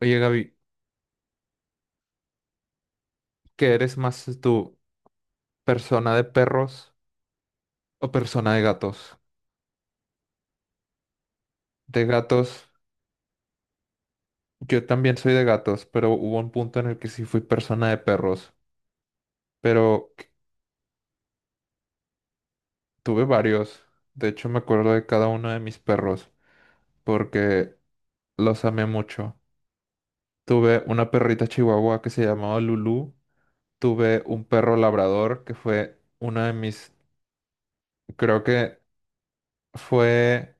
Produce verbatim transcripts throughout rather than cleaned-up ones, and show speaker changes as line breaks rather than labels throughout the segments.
Oye, Gaby, ¿qué eres más tú, persona de perros o persona de gatos? De gatos, yo también soy de gatos, pero hubo un punto en el que sí fui persona de perros, pero c- tuve varios. De hecho, me acuerdo de cada uno de mis perros porque los amé mucho. Tuve una perrita chihuahua que se llamaba Lulu, tuve un perro labrador que fue una de mis, creo que fue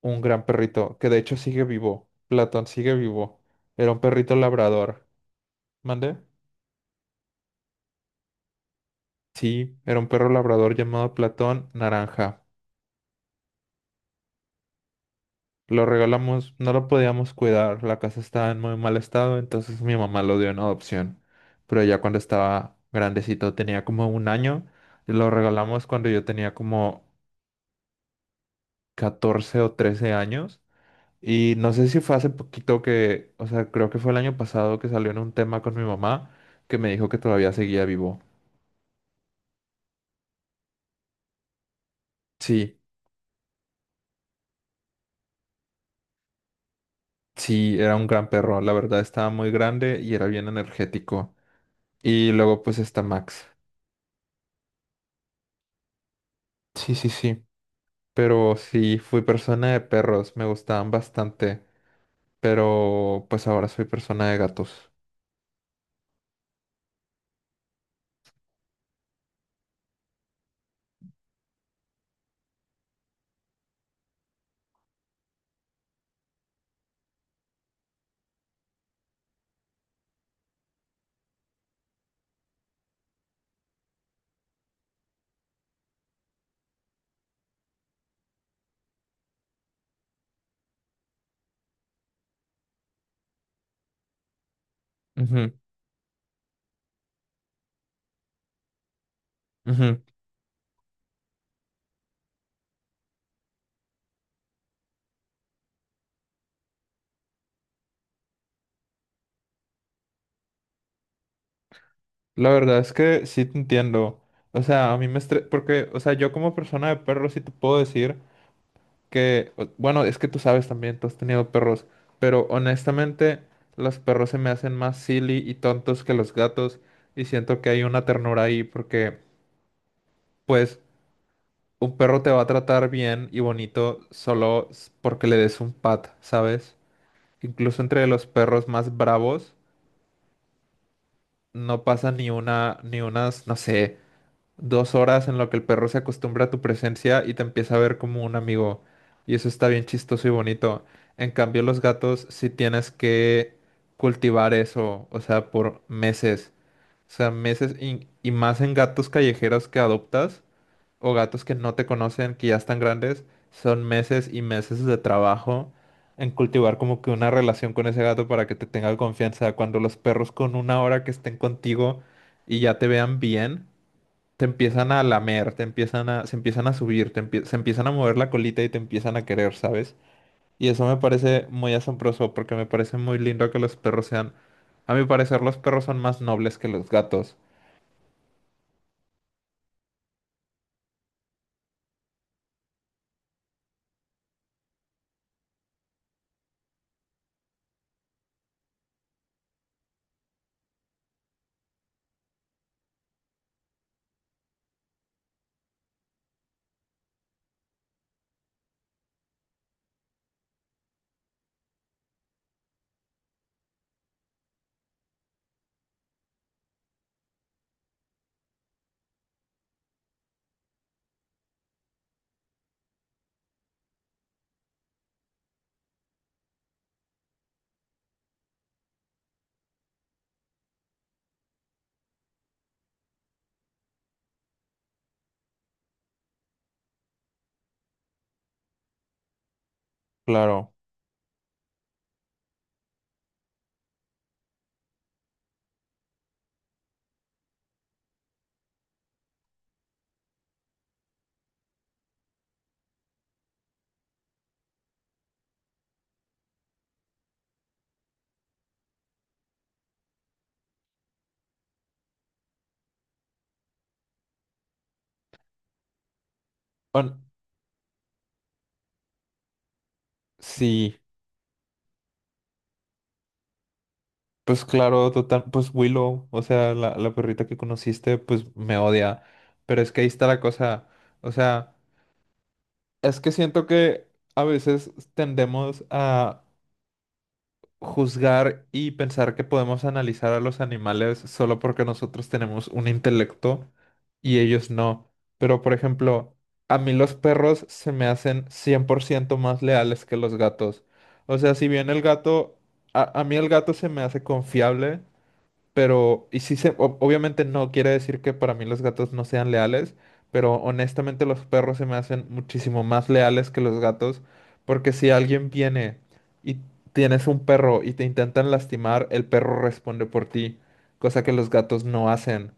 un gran perrito, que de hecho sigue vivo. Platón sigue vivo. Era un perrito labrador. ¿Mandé? Sí, era un perro labrador llamado Platón Naranja. Lo regalamos, no lo podíamos cuidar, la casa estaba en muy mal estado, entonces mi mamá lo dio en adopción. Pero ya cuando estaba grandecito, tenía como un año, lo regalamos cuando yo tenía como catorce o trece años. Y no sé si fue hace poquito que, o sea, creo que fue el año pasado que salió en un tema con mi mamá, que me dijo que todavía seguía vivo. Sí, sí, era un gran perro, la verdad estaba muy grande y era bien energético. Y luego pues está Max. Sí, sí, sí, pero sí, fui persona de perros, me gustaban bastante, pero pues ahora soy persona de gatos. Ujú, ujú. La verdad es que sí te entiendo. O sea, a mí me estre... porque, o sea, yo como persona de perro sí te puedo decir. Que, o- bueno, es que tú sabes también, tú has tenido perros, pero honestamente los perros se me hacen más silly y tontos que los gatos, y siento que hay una ternura ahí porque pues un perro te va a tratar bien y bonito solo s- porque le des un pat, ¿sabes? Incluso entre los perros más bravos no pasa ni una, ni unas, no sé. Dos horas en lo que el perro se acostumbra a tu presencia y te empieza a ver como un amigo. Y eso está bien chistoso y bonito. En cambio, los gatos sí tienes que cultivar eso, o sea, por meses. O sea, meses y, y más en gatos callejeros que adoptas o gatos que no te conocen, que ya están grandes, son meses y meses de trabajo en cultivar como que una relación con ese gato para que te tenga confianza. Cuando los perros con una hora que estén contigo y ya te vean bien te empiezan a lamer, te empiezan a, se empiezan a subir, te empie- se empiezan a mover la colita y te empiezan a querer, ¿sabes? Y eso me parece muy asombroso porque me parece muy lindo que los perros sean, a mi parecer, los perros son más nobles que los gatos, claro. Bueno, sí, pues claro, total, pues Willow, o sea, la, la perrita que conociste, pues me odia, pero es que ahí está la cosa, o sea, es que siento que a veces tendemos a juzgar y pensar que podemos analizar a los animales solo porque nosotros tenemos un intelecto y ellos no. Pero, por ejemplo, a mí los perros se me hacen cien por ciento más leales que los gatos. O sea, si bien el gato, a, a mí el gato se me hace confiable, pero, y sí se, ob- obviamente no quiere decir que para mí los gatos no sean leales, pero honestamente los perros se me hacen muchísimo más leales que los gatos, porque si alguien viene y tienes un perro y te intentan lastimar, el perro responde por ti, cosa que los gatos no hacen.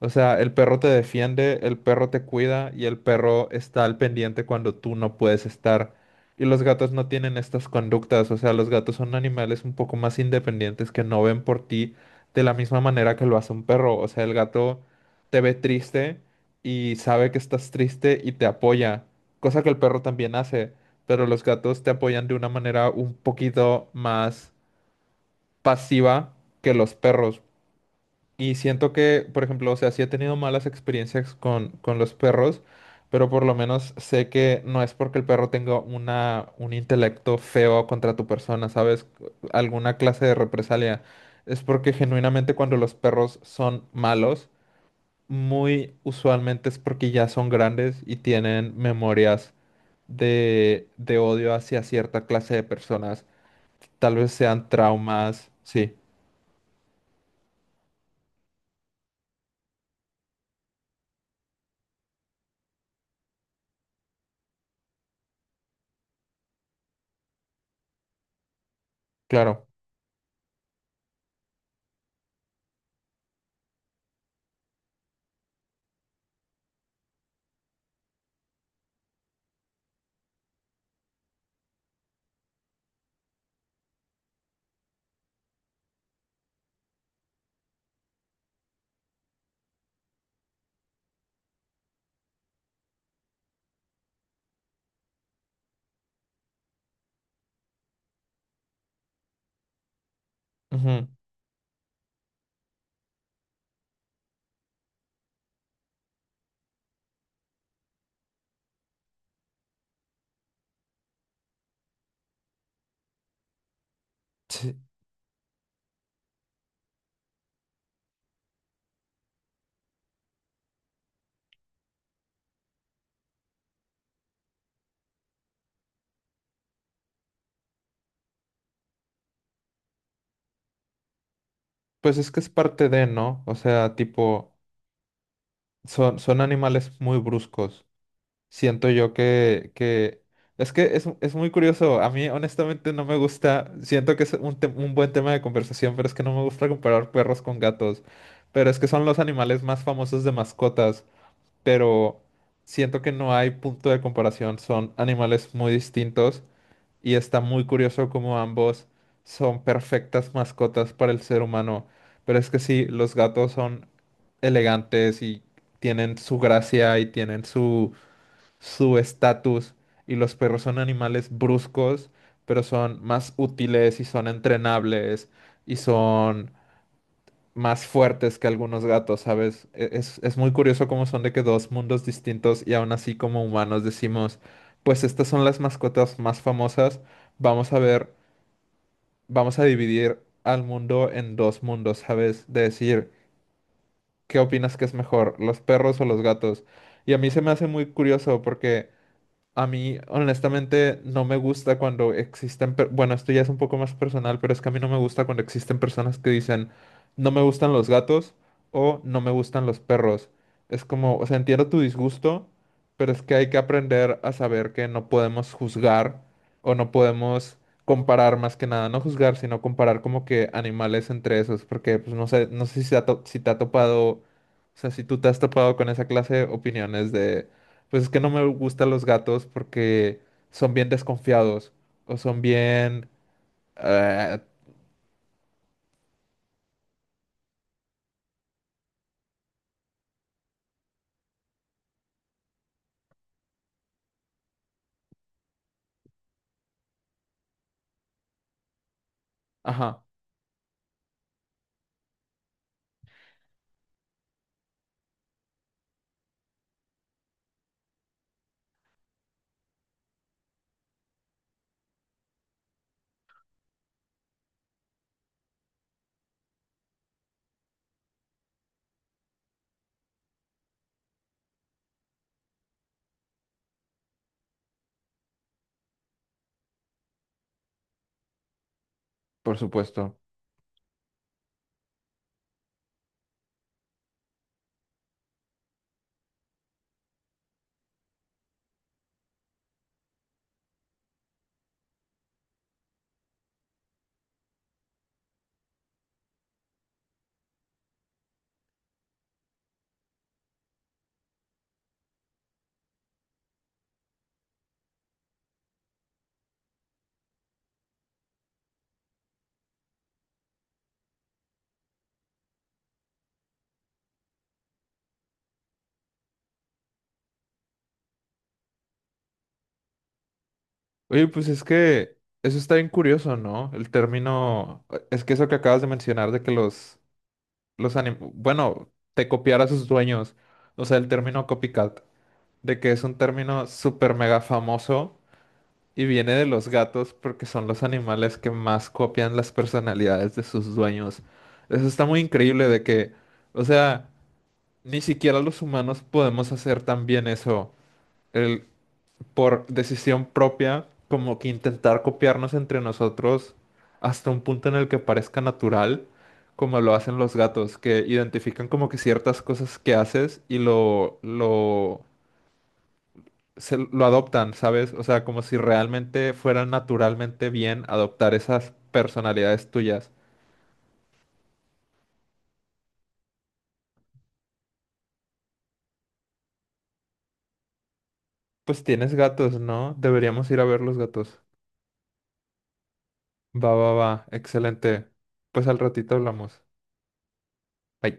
O sea, el perro te defiende, el perro te cuida y el perro está al pendiente cuando tú no puedes estar. Y los gatos no tienen estas conductas, o sea, los gatos son animales un poco más independientes que no ven por ti de la misma manera que lo hace un perro. O sea, el gato te ve triste y sabe que estás triste y te apoya, cosa que el perro también hace, pero los gatos te apoyan de una manera un poquito más pasiva que los perros. Y siento que, por ejemplo, o sea, sí he tenido malas experiencias con, con los perros, pero por lo menos sé que no es porque el perro tenga una, un intelecto feo contra tu persona, ¿sabes? Alguna clase de represalia. Es porque genuinamente cuando los perros son malos, muy usualmente es porque ya son grandes y tienen memorias de, de odio hacia cierta clase de personas. Tal vez sean traumas, sí, claro. Ujú. Pues es que es parte de, ¿no? O sea, tipo, son, son animales muy bruscos. Siento yo que, que... Es que es, es muy curioso. A mí, honestamente, no me gusta. Siento que es un, te- un buen tema de conversación, pero es que no me gusta comparar perros con gatos. Pero es que son los animales más famosos de mascotas. Pero siento que no hay punto de comparación. Son animales muy distintos. Y está muy curioso cómo ambos son perfectas mascotas para el ser humano. Pero es que sí, los gatos son elegantes y tienen su gracia y tienen su su estatus. Y los perros son animales bruscos, pero son más útiles y son entrenables y son más fuertes que algunos gatos, ¿sabes? E- Es, es muy curioso cómo son de que dos mundos distintos y aún así como humanos decimos, pues estas son las mascotas más famosas, vamos a ver, vamos a dividir al mundo en dos mundos, ¿sabes? De decir, ¿qué opinas que es mejor, los perros o los gatos? Y a mí se me hace muy curioso porque a mí, honestamente, no me gusta cuando existen, per- bueno, esto ya es un poco más personal, pero es que a mí no me gusta cuando existen personas que dicen, no me gustan los gatos o no me gustan los perros. Es como, o sea, entiendo tu disgusto, pero es que hay que aprender a saber que no podemos juzgar o no podemos comparar más que nada, no juzgar, sino comparar como que animales entre esos, porque pues no sé, no sé si te ha to- si te ha topado, o sea, si tú te has topado con esa clase de opiniones de pues es que no me gustan los gatos porque son bien desconfiados o son bien... eh, ajá, por supuesto. Oye, pues es que eso está bien curioso, ¿no? El término... Es que eso que acabas de mencionar de que los... los anim- bueno, te copiar a sus dueños. O sea, el término copycat. De que es un término súper mega famoso y viene de los gatos porque son los animales que más copian las personalidades de sus dueños. Eso está muy increíble de que... O sea... Ni siquiera los humanos podemos hacer también eso, el, por decisión propia, como que intentar copiarnos entre nosotros hasta un punto en el que parezca natural, como lo hacen los gatos, que identifican como que ciertas cosas que haces y lo, lo, se, lo adoptan, ¿sabes? O sea, como si realmente fueran naturalmente bien adoptar esas personalidades tuyas. Pues tienes gatos, ¿no? Deberíamos ir a ver los gatos. Va, va, va, excelente. Pues al ratito hablamos. Bye.